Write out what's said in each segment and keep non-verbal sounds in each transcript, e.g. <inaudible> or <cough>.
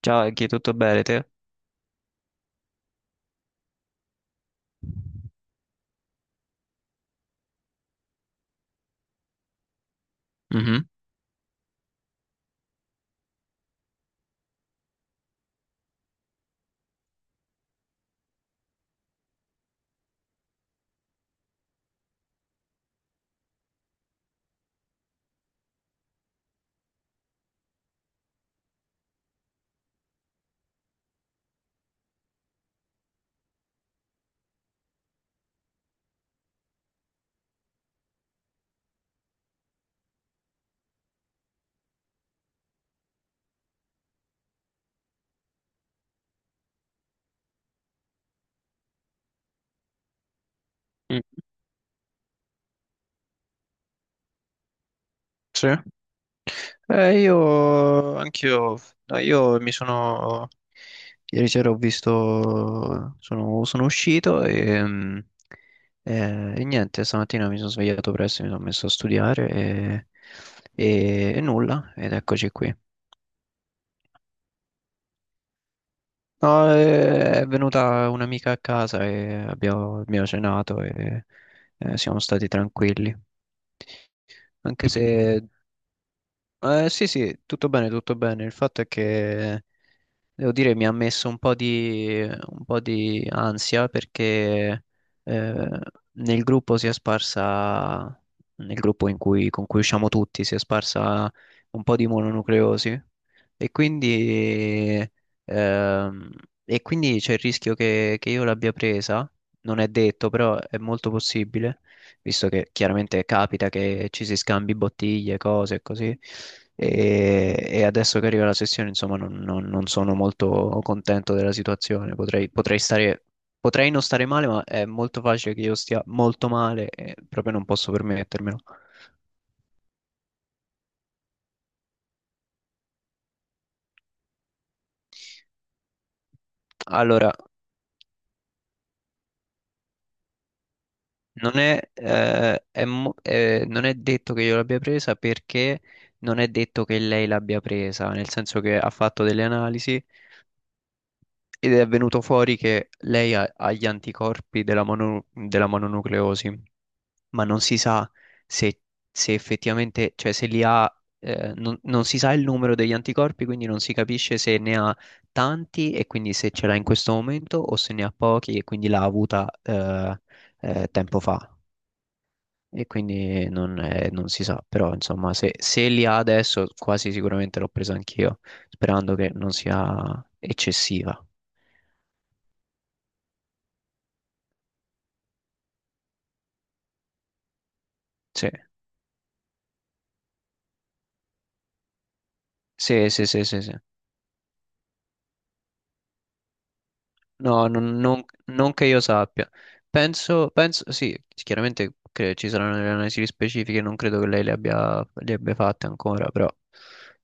Ciao Eghi, tutto bene te? Mhm. Mm. Sì. Io anch'io, no, io mi sono ieri sera sono uscito e niente, stamattina mi sono svegliato presto, mi sono messo a studiare e, e nulla, ed eccoci qui. No, è venuta un'amica a casa e abbiamo cenato e siamo stati tranquilli, anche se. Sì, sì, tutto bene, tutto bene. Il fatto è che devo dire mi ha messo un po' di ansia perché eh, nel gruppo si è sparsa, nel gruppo con cui usciamo tutti, si è sparsa un po' di mononucleosi e quindi, ehm, e quindi c'è il rischio che io l'abbia presa, non è detto, però è molto possibile visto che chiaramente capita che ci si scambi bottiglie, cose e così. E adesso che arriva la sessione, insomma, non sono molto contento della situazione. Potrei non stare male, ma è molto facile che io stia molto male e proprio non posso permettermelo. Allora, non è detto che io l'abbia presa perché non è detto che lei l'abbia presa, nel senso che ha fatto delle analisi. Ed è venuto fuori che lei ha, ha gli anticorpi della, della mononucleosi, ma non si sa se, se effettivamente, cioè se li ha, non si sa il numero degli anticorpi, quindi non si capisce se ne ha tanti e quindi se ce l'ha in questo momento o se ne ha pochi e quindi l'ha avuta tempo fa. E quindi non si sa, però insomma se li ha adesso quasi sicuramente l'ho presa anch'io, sperando che non sia eccessiva. Sì. Sì, sì, sì, sì, sì. No, non che io sappia. Penso, sì, chiaramente ci saranno delle analisi specifiche, non credo che lei le abbia fatte ancora, però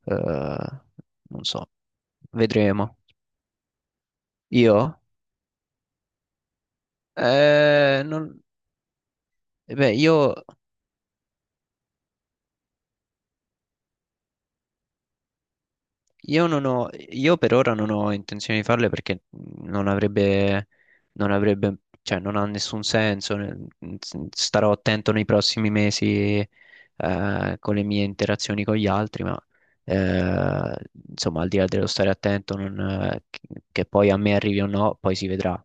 eh, non so, vedremo. Io? Eh, non- beh, io per ora non ho intenzione di farle perché non avrebbe, non avrebbe, cioè non ha nessun senso. Starò attento nei prossimi mesi, con le mie interazioni con gli altri, ma eh, insomma, al di là dello stare attento, che poi a me arrivi o no, poi si vedrà.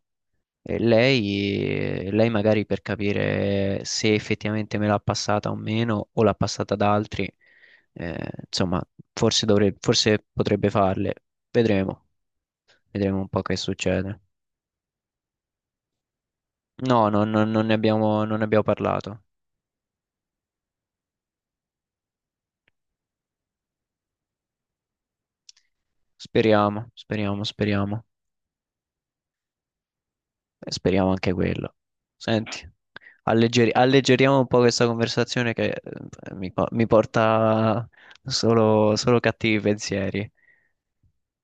E lei magari per capire se effettivamente me l'ha passata o meno, o l'ha passata ad altri, insomma, forse dovrebbe, forse potrebbe farle. Vedremo, vedremo un po' che succede. No, no, no, non ne abbiamo parlato. Speriamo, speriamo, speriamo. E speriamo anche quello. Senti, alleggeriamo un po' questa conversazione che mi porta solo cattivi pensieri.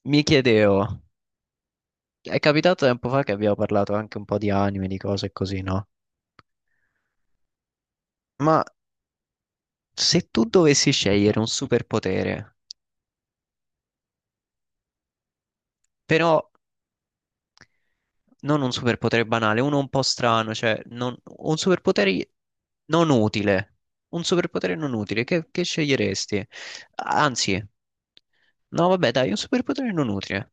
Mi chiedevo. È capitato tempo fa che abbiamo parlato anche un po' di anime, di cose e così, no? Ma se tu dovessi scegliere un superpotere, però non un superpotere banale, uno un po' strano, cioè un superpotere non utile, che sceglieresti? Anzi, no, vabbè, dai, un superpotere non utile,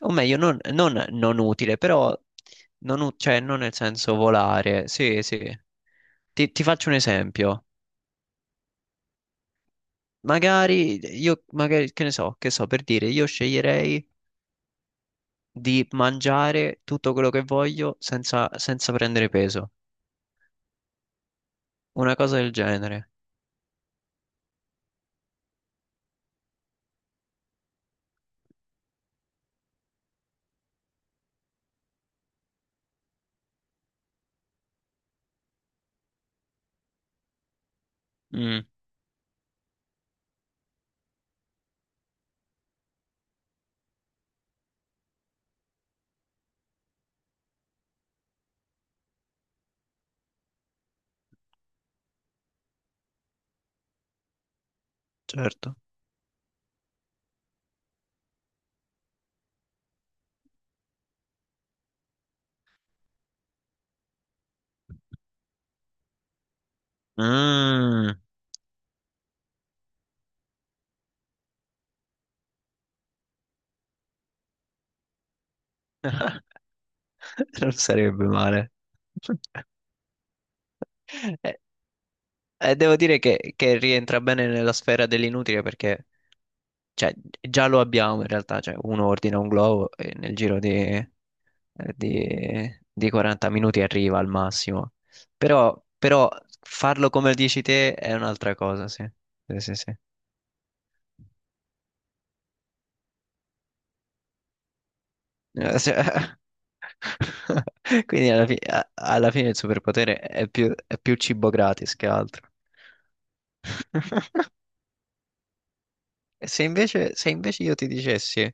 o meglio, non utile, però non, cioè, non nel senso volare, sì, sì. Ti faccio un esempio. Magari, io, che ne so, che so, per dire, io sceglierei di mangiare tutto quello che voglio senza prendere peso. Una cosa del genere. Mm. Certo. Mm. <laughs> Non sarebbe male. <laughs> Eh, eh, devo dire che rientra bene nella sfera dell'inutile perché. Cioè, già lo abbiamo in realtà, cioè uno ordina un globo e nel giro di 40 minuti arriva al massimo. Però, farlo come lo dici te è un'altra cosa, sì. Sì, sì, sì. Sì. <laughs> Quindi alla fine il superpotere è più cibo gratis che altro. E se invece io ti dicessi,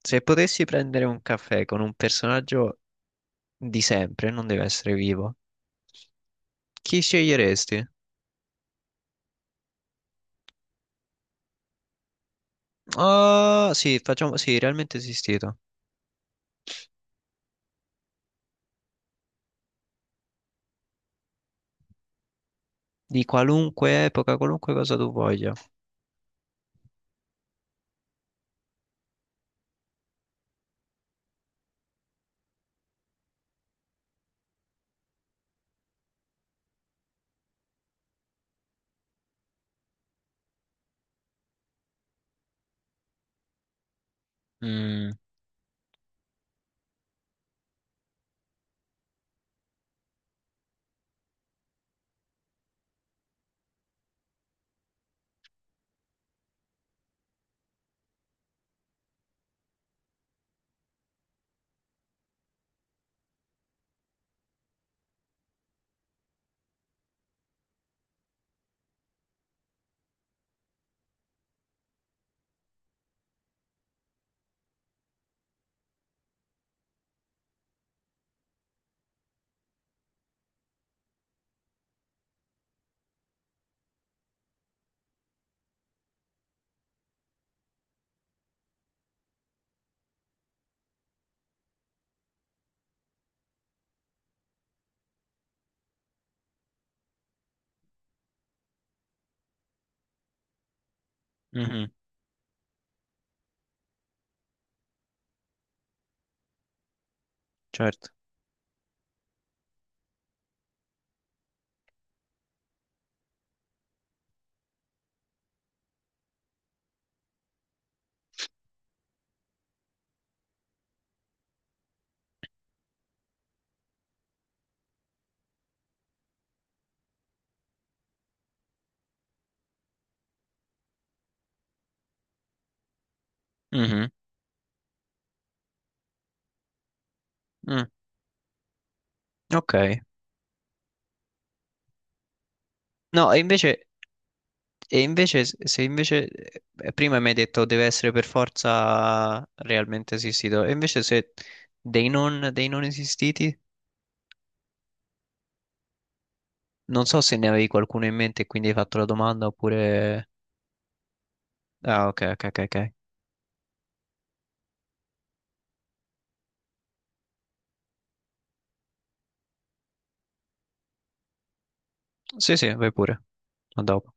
se potessi prendere un caffè con un personaggio di sempre, non deve essere vivo. Chi sceglieresti? Ah, sì, facciamo, sì, realmente esistito. Di qualunque epoca, qualunque cosa tu voglia. Mm, mhm, certo. Mhm, mm, ok. No, e invece, s- se invece, prima mi hai detto deve essere per forza realmente esistito, e invece se dei non esistiti, non so se ne avevi qualcuno in mente e quindi hai fatto la domanda oppure... Ah, ok, ok, ok, ok. Sì, sì, vai pure. A dopo.